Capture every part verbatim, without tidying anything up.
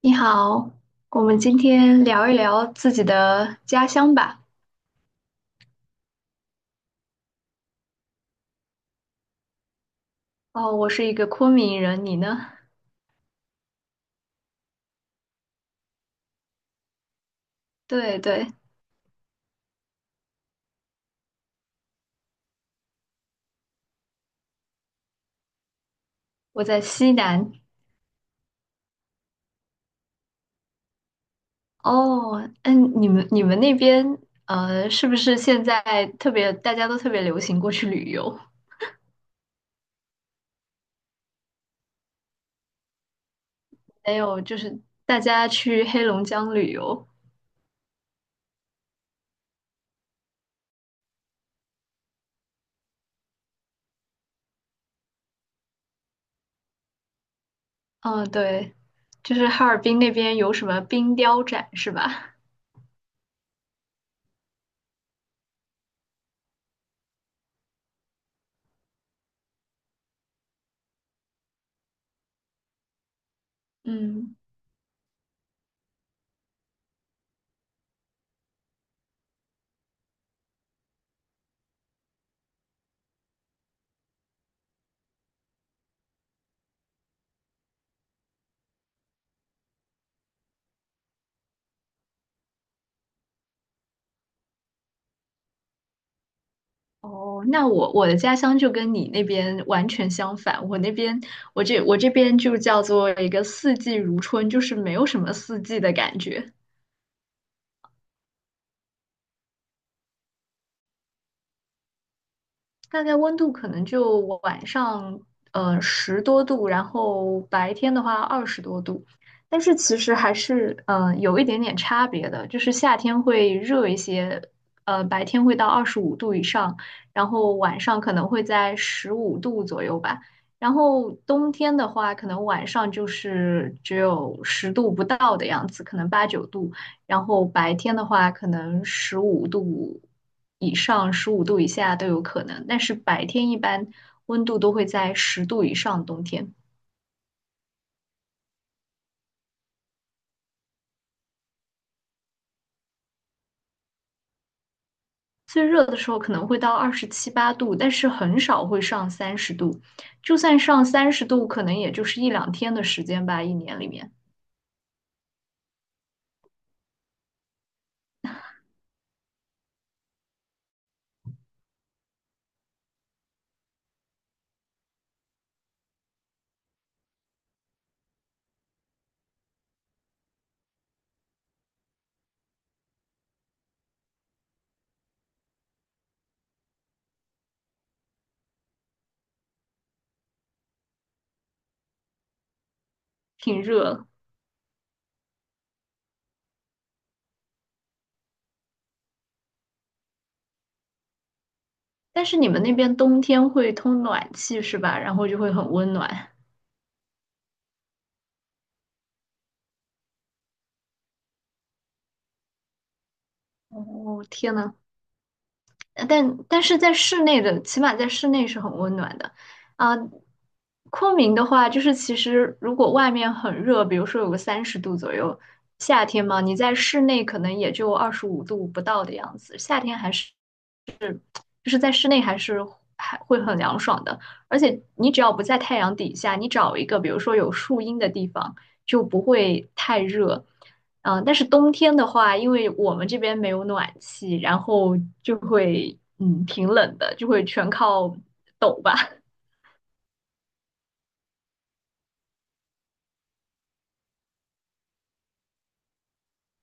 你好，我们今天聊一聊自己的家乡吧。哦，我是一个昆明人，你呢？对对，我在西南。哦，嗯，你们你们那边呃，是不是现在特别大家都特别流行过去旅游？还有就是大家去黑龙江旅游。嗯，对，就是哈尔滨那边有什么冰雕展是吧？嗯。哦，那我我的家乡就跟你那边完全相反。我那边，我这我这边就叫做一个四季如春，就是没有什么四季的感觉。大概温度可能就晚上呃十多度，然后白天的话二十多度，但是其实还是嗯呃有一点点差别的，就是夏天会热一些，呃白天会到二十五度以上，然后晚上可能会在十五度左右吧，然后冬天的话，可能晚上就是只有十度不到的样子，可能八九度。然后白天的话，可能十五度以上、十五度以下都有可能，但是白天一般温度都会在十度以上，冬天。最热的时候可能会到二十七八度，但是很少会上三十度。就算上三十度，可能也就是一两天的时间吧，一年里面挺热。但是你们那边冬天会通暖气是吧？然后就会很温暖。哦，天呐，呃但但是在室内的，起码在室内是很温暖的。啊、昆明的话，就是其实如果外面很热，比如说有个三十度左右，夏天嘛，你在室内可能也就二十五度不到的样子，夏天还是。就是在室内还是还会很凉爽的。而且你只要不在太阳底下，你找一个比如说有树荫的地方，就不会太热。嗯，但是冬天的话，因为我们这边没有暖气，然后就会嗯挺冷的，就会全靠抖吧。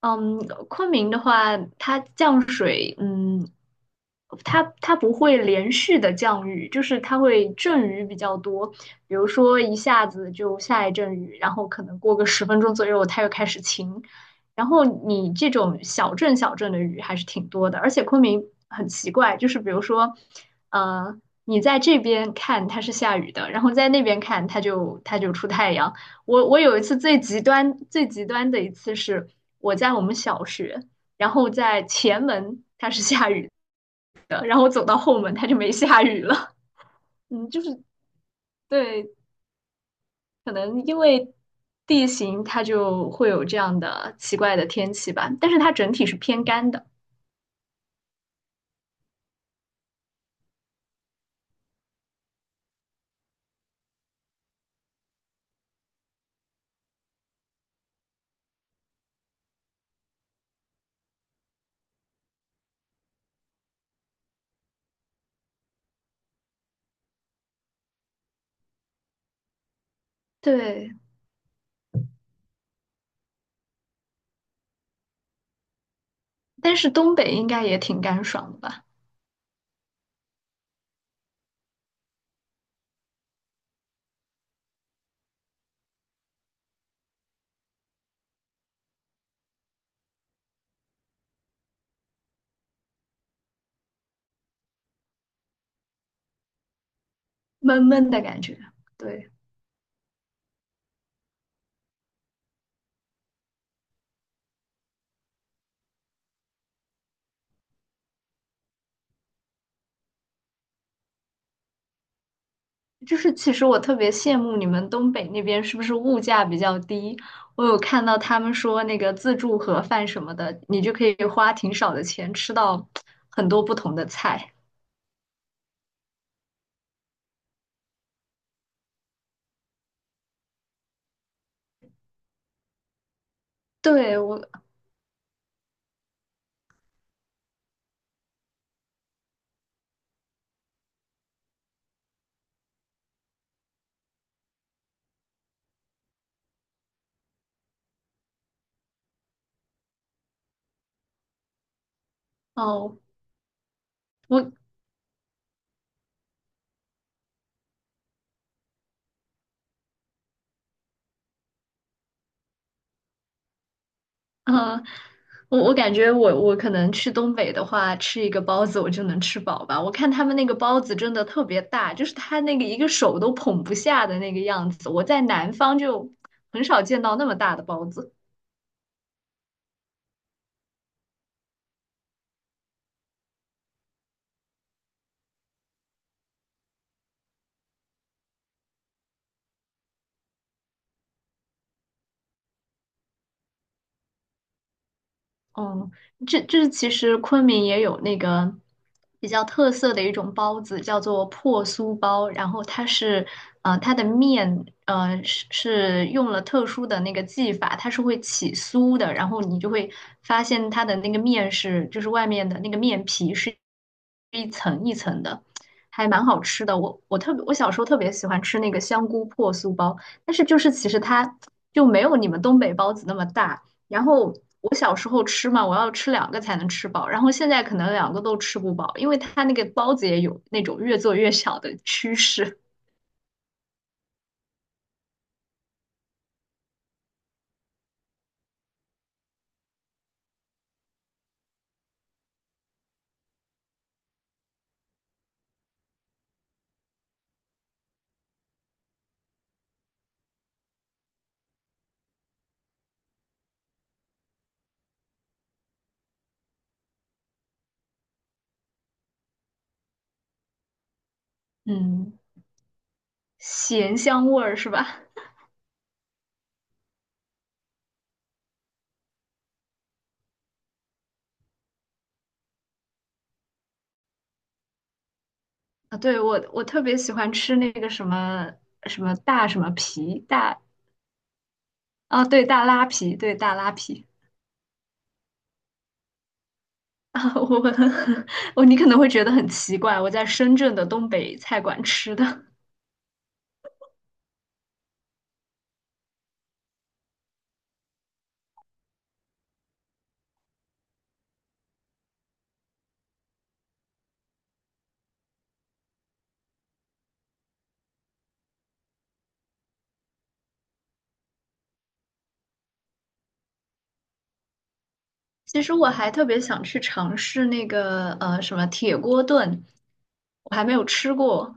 嗯，昆明的话，它降水，嗯，它它不会连续的降雨，就是它会阵雨比较多，比如说一下子就下一阵雨，然后可能过个十分钟左右，它又开始晴，然后你这种小阵小阵的雨还是挺多的，而且昆明很奇怪，就是比如说，呃，你在这边看它是下雨的，然后在那边看它就它就出太阳。我我有一次最极端最极端的一次是我在我们小学，然后在前门它是下雨的，然后我走到后门它就没下雨了。嗯，就是对，可能因为地形它就会有这样的奇怪的天气吧，但是它整体是偏干的。对，但是东北应该也挺干爽的吧，闷闷的感觉。对。就是其实我特别羡慕你们东北那边是不是物价比较低？我有看到他们说那个自助盒饭什么的，你就可以花挺少的钱吃到很多不同的菜。对，我，哦，我，嗯、我我感觉我我可能去东北的话，吃一个包子我就能吃饱吧。我看他们那个包子真的特别大，就是他那个一个手都捧不下的那个样子。我在南方就很少见到那么大的包子。嗯，这这其实昆明也有那个比较特色的一种包子，叫做破酥包。然后它是，呃，它的面，呃，是是用了特殊的那个技法，它是会起酥的。然后你就会发现它的那个面是，就是外面的那个面皮是一层一层的，还蛮好吃的。我我特别，我小时候特别喜欢吃那个香菇破酥包，但是就是其实它就没有你们东北包子那么大。然后我小时候吃嘛，我要吃两个才能吃饱，然后现在可能两个都吃不饱，因为它那个包子也有那种越做越小的趋势 嗯，咸香味儿是吧？啊，对，我我特别喜欢吃那个什么什么大什么皮大啊，对，大拉皮，对，大拉皮。啊，我 我你可能会觉得很奇怪，我在深圳的东北菜馆吃的，其实我还特别想去尝试那个呃什么铁锅炖，我还没有吃过。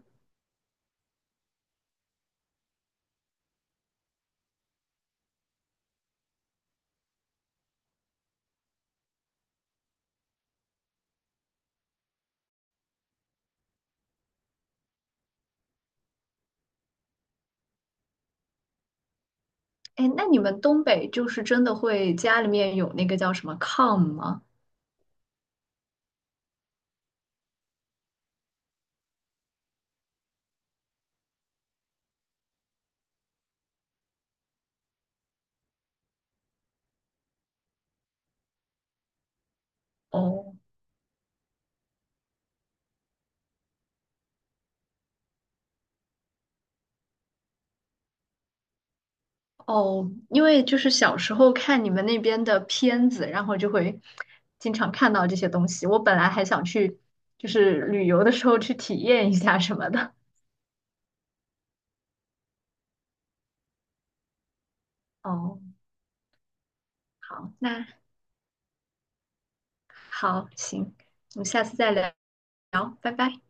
哎，那你们东北就是真的会家里面有那个叫什么炕吗？哦哦，因为就是小时候看你们那边的片子，然后就会经常看到这些东西。我本来还想去，就是旅游的时候去体验一下什么的。哦，好，那好，行，我们下次再聊，拜拜。